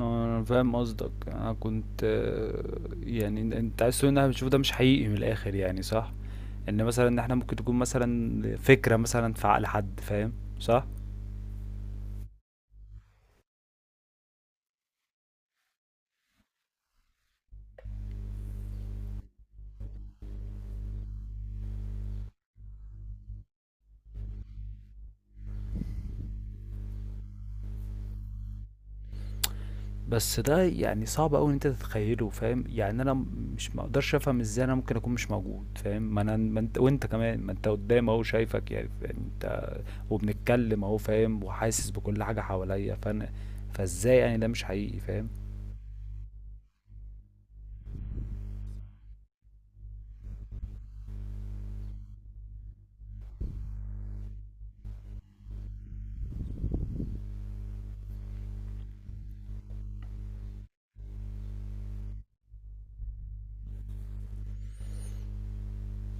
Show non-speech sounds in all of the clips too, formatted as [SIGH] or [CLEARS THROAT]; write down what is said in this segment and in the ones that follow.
انا فاهم قصدك. انا كنت يعني انت عايز تقول ان احنا بنشوف ده مش حقيقي من الاخر، يعني صح؟ ان مثلا ان احنا ممكن تكون مثلا فكرة مثلا في عقل حد، فاهم؟ صح. بس ده يعني صعب قوي ان انت تتخيله، فاهم؟ يعني انا مش مقدرش افهم ازاي انا ممكن اكون مش موجود، فاهم؟ ما انا، ما انت، وانت كمان، ما انت قدام اهو شايفك. يعني يعني انت وبنتكلم اهو، فاهم؟ وحاسس بكل حاجة حواليا، فانا فازاي يعني ده مش حقيقي؟ فاهم؟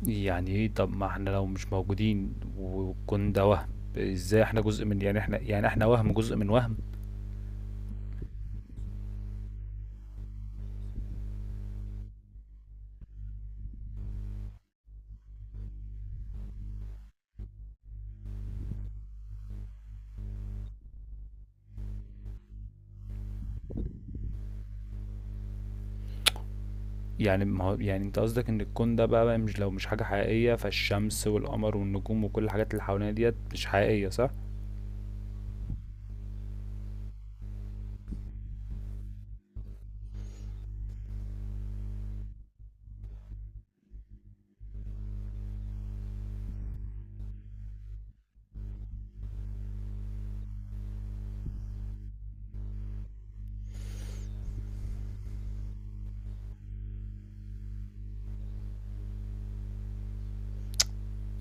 يعني ايه؟ طب ما احنا لو مش موجودين والكون ده وهم، ازاي احنا جزء من، يعني احنا يعني احنا وهم جزء من وهم. يعني ما هو يعني انت قصدك ان الكون ده بقى مش، لو مش حاجة حقيقية، فالشمس والقمر والنجوم وكل الحاجات اللي حوالينا ديت مش حقيقية، صح؟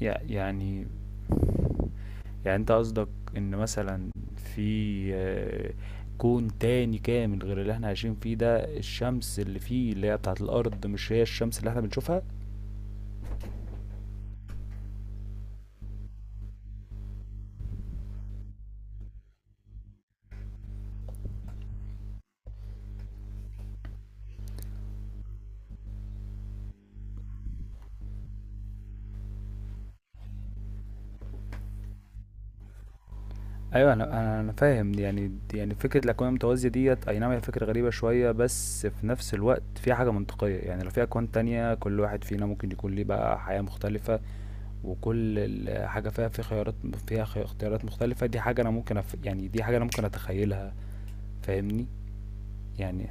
يعني يعني انت قصدك ان مثلا في كون تاني كامل غير اللي احنا عايشين فيه ده، الشمس اللي فيه اللي هي بتاعت الارض مش هي الشمس اللي احنا بنشوفها. أيوه، أنا فاهم دي. يعني دي يعني فكرة الأكوان المتوازية ديّة، أي نعم هي فكرة غريبة شوية، بس في نفس الوقت فيها حاجة منطقية. يعني لو في أكوان تانية، كل واحد فينا ممكن يكون ليه بقى حياة مختلفة، وكل ال حاجة فيها في خيارات، فيها خ اختيارات مختلفة. دي حاجة أنا ممكن أف، يعني دي حاجة أنا ممكن أتخيلها، فاهمني؟ يعني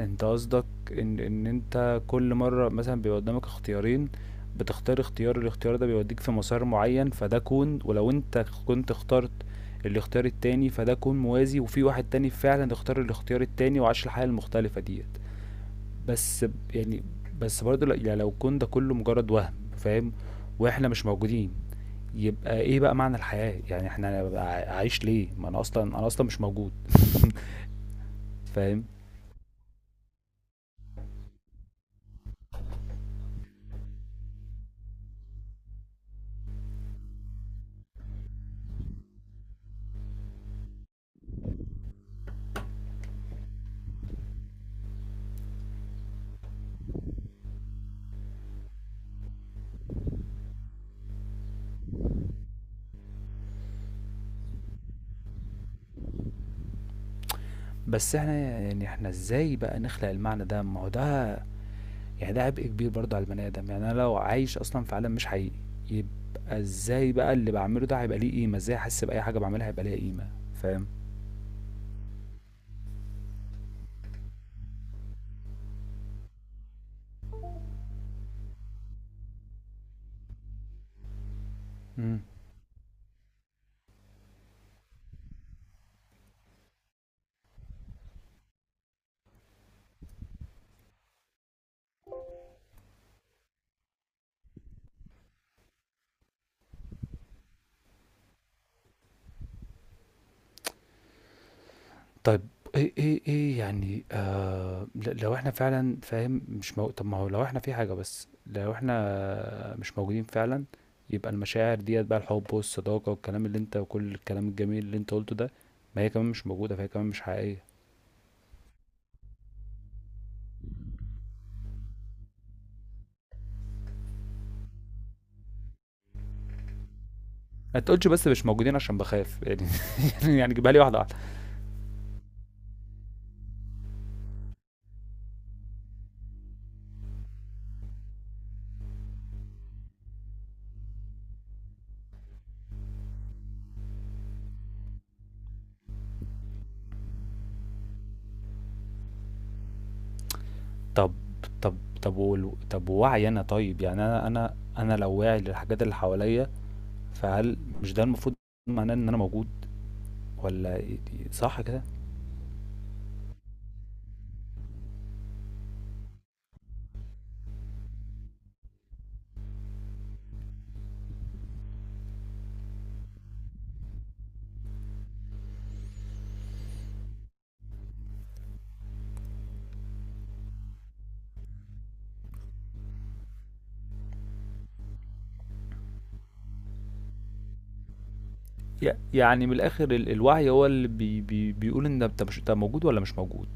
انت قصدك ان انت كل مرة مثلا بيبقى قدامك اختيارين، بتختار اختيار، الاختيار ده بيوديك في مسار معين، فده كون. ولو انت كنت اخترت الاختيار التاني فده كون موازي، وفي واحد تاني فعلا اختار الاختيار التاني وعاش الحياة المختلفة ديت. بس ب- يعني بس برضه يعني لو كون ده كله مجرد وهم، فاهم؟ واحنا مش موجودين، يبقى ايه بقى معنى الحياة؟ يعني احنا عايش ليه؟ ما انا اصلا، انا اصلا مش موجود. [LAUGHS] فاهم؟ بس إحنا يعني إحنا إزاي بقى نخلق المعنى ده؟ ما هو ده يعني ده عبء كبير برضه على البني آدم. يعني أنا لو عايش أصلًا في عالم مش حقيقي، يبقى إزاي بقى اللي باعمله ده هيبقى ليه قيمة؟ إزاي أحس بأي حاجة باعملها هيبقى ليها قيمة، فاهم؟ إمم. طيب، إيه يعني لو إحنا فعلًا، فاهم؟ مش مو، طب ما هو لو إحنا في حاجة، بس لو إحنا مش موجودين فعلًا، يبقى المشاعر ديّة بقى، الحب والصداقة والكلام اللي أنت، وكل الكلام الجميل اللي أنت قُلته ده، ما هي كمان مش موجودة، فهي كمان مش حقيقية. ما تقولش بس مش موجودين عشان بخاف يعني. [LAUGHS] يعني جيبها لي واحده واحده. طب طب طب و- طب ووعي انا، طيب يعني انا انا لو واعي للحاجات اللي حواليا، فهل مش ده المفروض معناه ان انا موجود ولا إيه؟ صح كده؟ يعني من الاخر الوعي هو اللي بي بي بيقول ان انت، مش انت موجود ولا مش موجود؟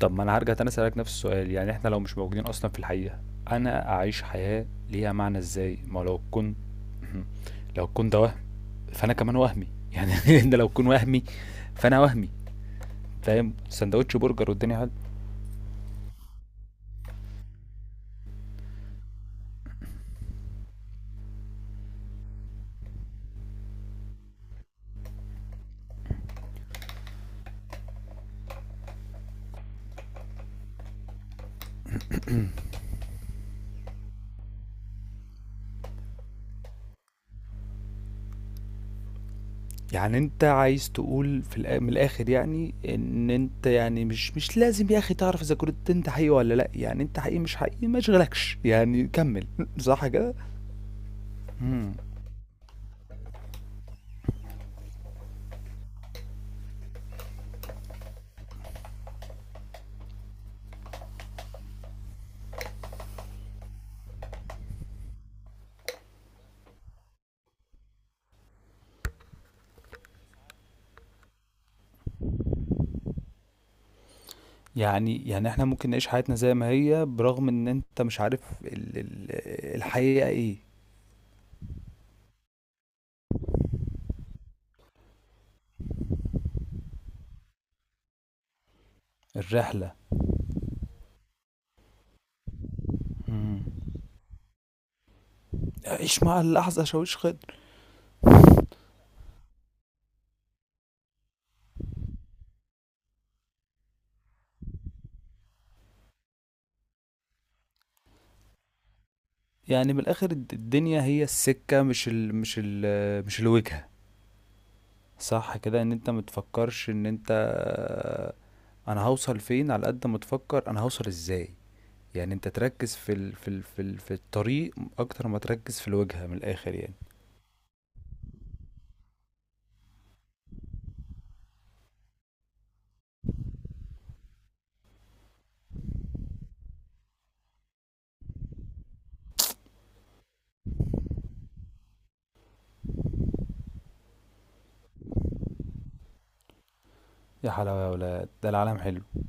طب ما انا هرجع تاني اسالك نفس السؤال. يعني احنا لو مش موجودين اصلا في الحقيقه، انا اعيش حياه ليها معنى ازاي؟ ما لو كنت [CLEARS THROAT] [LAUGHS] لو كنت وهم، فانا كمان وهمي يعني. [LAUGHS] انت لو تكون وهمي فانا وهمي، فاهم؟ سندوتش برجر والدنيا حلوه. يعني انت عايز تقول في من الاخر، يعني ان انت يعني مش لازم يا اخي تعرف اذا كنت انت حقيقي ولا لا. يعني انت حقيقي مش حقيقي ما يشغلكش، يعني كمل. [LAUGHS] صح كده؟ مم. يعني يعني احنا ممكن نعيش حياتنا زي ما هي، برغم ان انت مش عارف ال الحقيقة ايه. الرحلة. مم. عيش مع اللحظة شاويش خير. يعني من الاخر، الدنيا هي السكة، مش ال مش ال مش الوجهة. صح كده؟ ان انت متفكرش ان انت، انا هوصل فين، على قد ما تفكر انا هوصل ازاي. يعني انت تركز في ال في ال في, ال في الطريق اكتر ما تركز في الوجهة، من الاخر يعني. يا حلاوة يا ولاد ده، العالم حلو.